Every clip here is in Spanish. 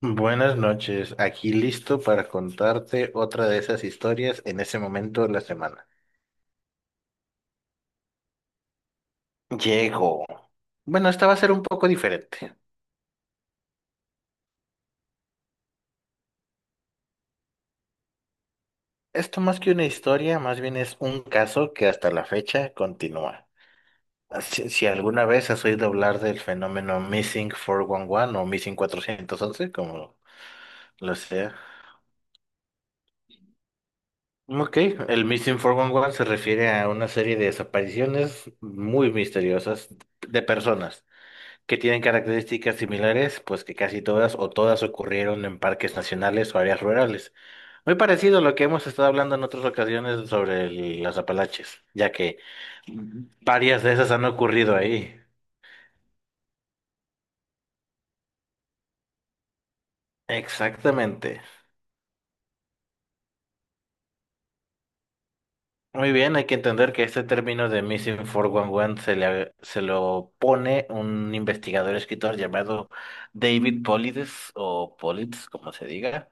Buenas noches, aquí listo para contarte otra de esas historias en ese momento de la semana. Llego. Bueno, esta va a ser un poco diferente. Esto más que una historia, más bien es un caso que hasta la fecha continúa. Si alguna vez has oído hablar del fenómeno Missing 411 o Missing cuatrocientos once, como lo sea. Ok, el Missing 411 se refiere a una serie de desapariciones muy misteriosas de personas que tienen características similares, pues que casi todas o todas ocurrieron en parques nacionales o áreas rurales. Muy parecido a lo que hemos estado hablando en otras ocasiones sobre las Apalaches, ya que varias de esas han ocurrido ahí. Exactamente. Muy bien, hay que entender que este término de Missing 411 se le, se lo pone un investigador escritor llamado David Polides o Politz, como se diga,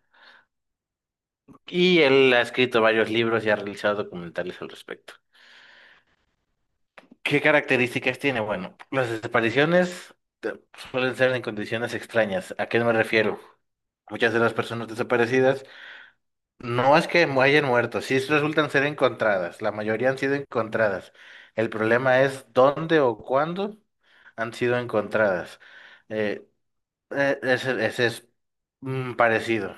y él ha escrito varios libros y ha realizado documentales al respecto. ¿Qué características tiene? Bueno, las desapariciones eh, suelen ser en condiciones extrañas. ¿A qué me refiero? Muchas de las personas desaparecidas no es que hayan muerto, sí resultan ser encontradas. La mayoría han sido encontradas. El problema es dónde o cuándo han sido encontradas. Eh, ese es parecido.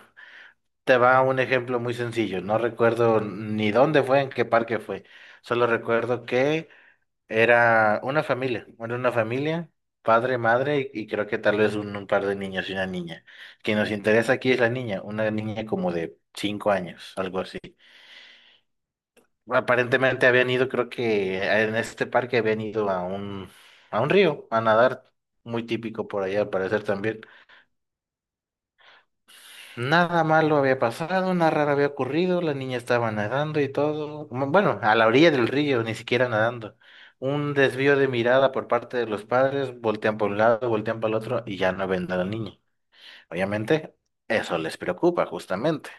Te va un ejemplo muy sencillo. No recuerdo ni dónde fue, en qué parque fue. Solo recuerdo que era una familia, padre, madre y creo que tal vez un par de niños y una niña. Quien nos interesa aquí es la niña, una niña como de 5 años, algo así. Aparentemente habían ido, creo que en este parque habían ido a un río a nadar, muy típico por allá al parecer también. Nada malo había pasado, nada raro había ocurrido, la niña estaba nadando y todo. Bueno, a la orilla del río, ni siquiera nadando. Un desvío de mirada por parte de los padres, voltean por un lado, voltean para el otro y ya no ven a la niña. Obviamente, eso les preocupa justamente.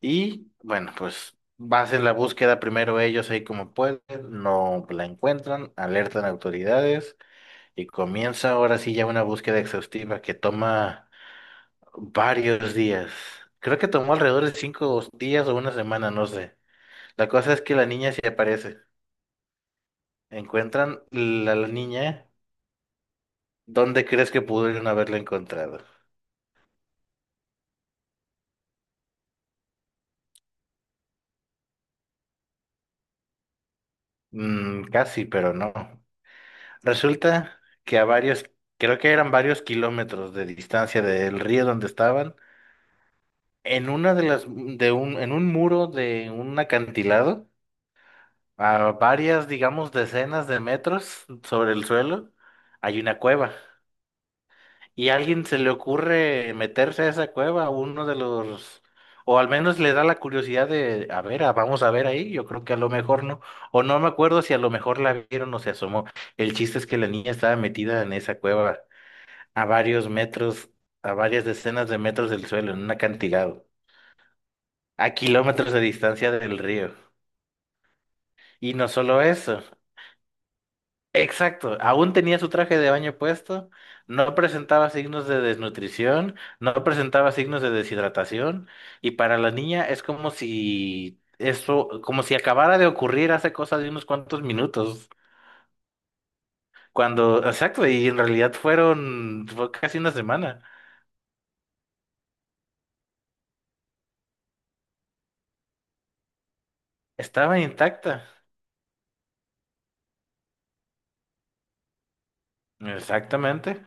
Y bueno, pues hacen la búsqueda primero ellos ahí como pueden, no la encuentran, alertan a autoridades y comienza ahora sí ya una búsqueda exhaustiva que toma varios días. Creo que tomó alrededor de 5 días o una semana, no sé. La cosa es que la niña se aparece. Encuentran la niña. ¿Dónde crees que pudieron haberla encontrado? Mm, casi, pero no. Resulta que a varios, creo que eran varios kilómetros de distancia del río donde estaban, en un muro de un acantilado, a varias, digamos, decenas de metros sobre el suelo, hay una cueva. Y a alguien se le ocurre meterse a esa cueva, o al menos le da la curiosidad de, a ver, vamos a ver ahí, yo creo que a lo mejor no, o no me acuerdo si a lo mejor la vieron o se asomó. El chiste es que la niña estaba metida en esa cueva a varios metros, a varias decenas de metros del suelo, en un acantilado, a kilómetros de distancia del río. Y no solo eso. Exacto, aún tenía su traje de baño puesto, no presentaba signos de desnutrición, no presentaba signos de deshidratación, y para la niña es como si eso, como si acabara de ocurrir hace cosa de unos cuantos minutos, cuando, exacto, y en realidad fue casi una semana, estaba intacta, exactamente.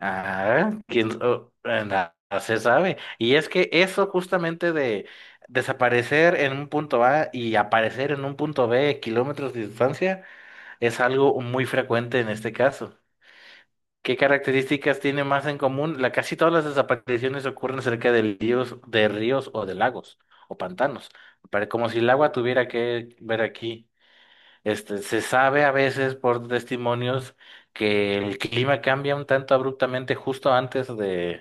No se sabe. Y es que eso justamente de desaparecer en un punto A y aparecer en un punto B, kilómetros de distancia, es algo muy frecuente en este caso. ¿Qué características tiene más en común? Casi todas las desapariciones ocurren cerca de ríos o de lagos o pantanos. Como si el agua tuviera que ver aquí. Se sabe a veces por testimonios que el clima cambia un tanto abruptamente justo antes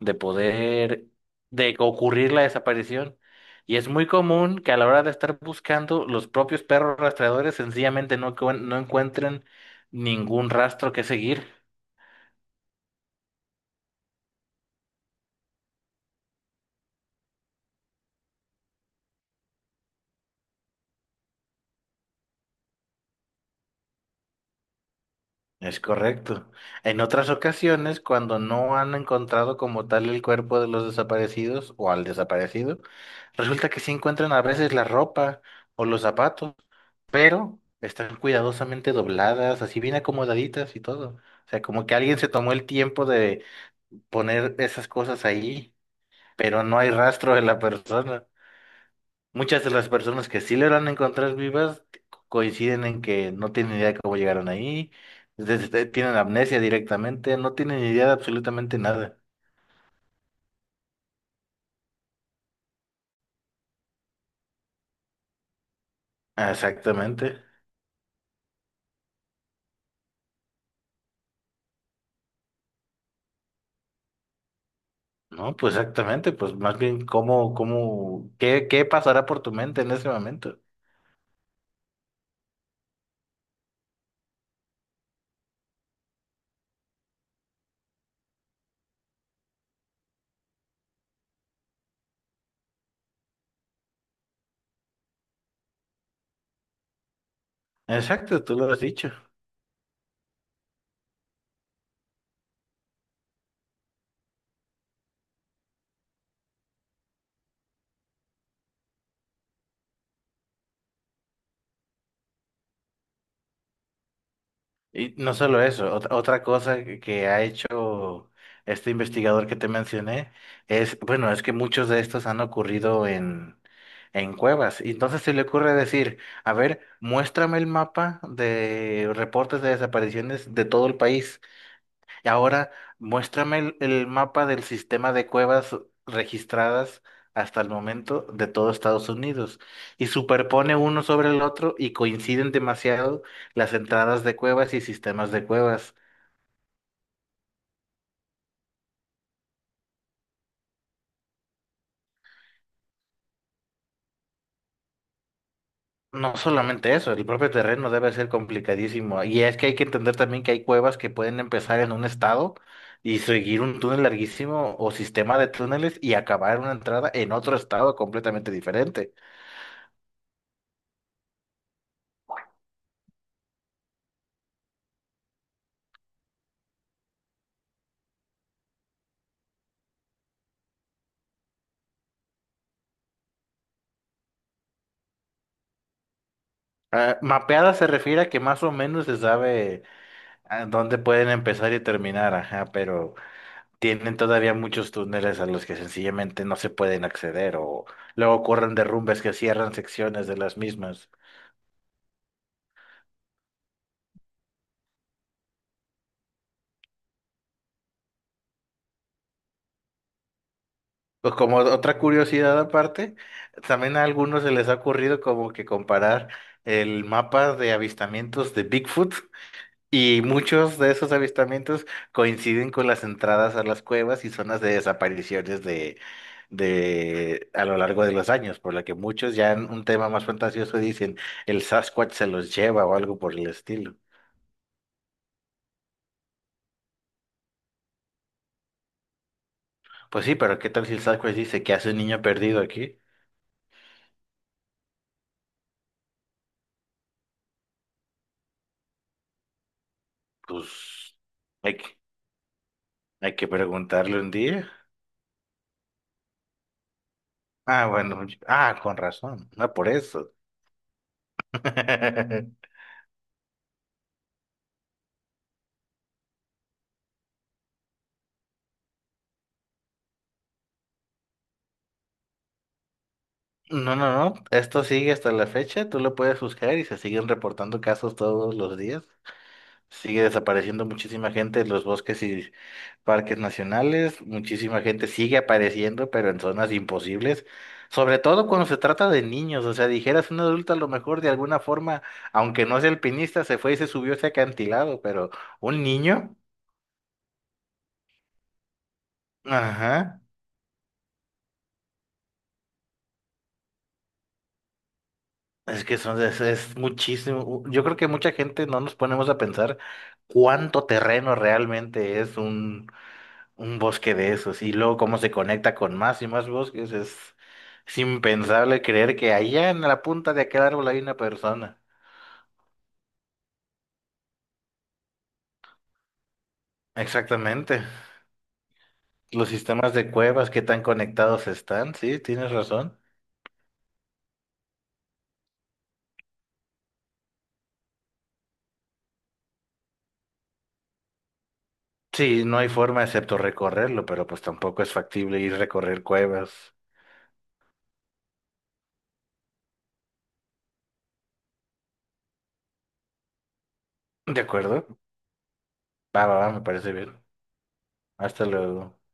de poder, de que ocurrir la desaparición. Y es muy común que a la hora de estar buscando, los propios perros rastreadores sencillamente no encuentren ningún rastro que seguir. Es correcto. En otras ocasiones, cuando no han encontrado como tal el cuerpo de los desaparecidos o al desaparecido, resulta que sí encuentran a veces la ropa o los zapatos, pero están cuidadosamente dobladas, así bien acomodaditas y todo. O sea, como que alguien se tomó el tiempo de poner esas cosas ahí, pero no hay rastro de la persona. Muchas de las personas que sí logran encontrar vivas coinciden en que no tienen idea de cómo llegaron ahí, tienen amnesia directamente, no tienen idea de absolutamente nada. Exactamente. No, pues exactamente, pues más bien qué pasará por tu mente en ese momento. Exacto, tú lo has dicho. Y no solo eso, otra cosa que ha hecho este investigador que te mencioné es, bueno, es que muchos de estos han ocurrido en cuevas. Y entonces se le ocurre decir, a ver, muéstrame el mapa de reportes de desapariciones de todo el país. Ahora, muéstrame el mapa del sistema de cuevas registradas hasta el momento de todo Estados Unidos y superpone uno sobre el otro y coinciden demasiado las entradas de cuevas y sistemas de cuevas. No solamente eso, el propio terreno debe ser complicadísimo. Y es que hay que entender también que hay cuevas que pueden empezar en un estado y seguir un túnel larguísimo o sistema de túneles y acabar una entrada en otro estado completamente diferente. Ah, mapeada se refiere a que más o menos se sabe a dónde pueden empezar y terminar, ajá, pero tienen todavía muchos túneles a los que sencillamente no se pueden acceder o luego ocurren derrumbes que cierran secciones de las mismas. Pues como otra curiosidad aparte, también a algunos se les ha ocurrido como que comparar el mapa de avistamientos de Bigfoot. Y muchos de esos avistamientos coinciden con las entradas a las cuevas y zonas de desapariciones de, a lo largo de los años, por lo que muchos ya en un tema más fantasioso dicen el Sasquatch se los lleva o algo por el estilo. Pues sí, pero ¿qué tal si el Sasquatch dice que hace un niño perdido aquí? Pues hay que, hay que preguntarle un día. Ah, bueno, con razón, no por eso. No, no, no. Esto sigue hasta la fecha. Tú lo puedes buscar y se siguen reportando casos todos los días. Sigue desapareciendo muchísima gente en los bosques y parques nacionales. Muchísima gente sigue apareciendo, pero en zonas imposibles. Sobre todo cuando se trata de niños. O sea, dijeras un adulto a lo mejor de alguna forma, aunque no sea alpinista, se fue y se subió a ese acantilado, pero un niño. Ajá. Es que son, es muchísimo. Yo creo que mucha gente no nos ponemos a pensar cuánto terreno realmente es un, bosque de esos y luego cómo se conecta con más y más bosques. Es impensable creer que allá en la punta de aquel árbol hay una persona. Exactamente. Los sistemas de cuevas, qué tan conectados están. Sí, tienes razón. Sí, no hay forma excepto recorrerlo, pero pues tampoco es factible ir a recorrer cuevas. ¿De acuerdo? Va, va, va, me parece bien. Hasta luego.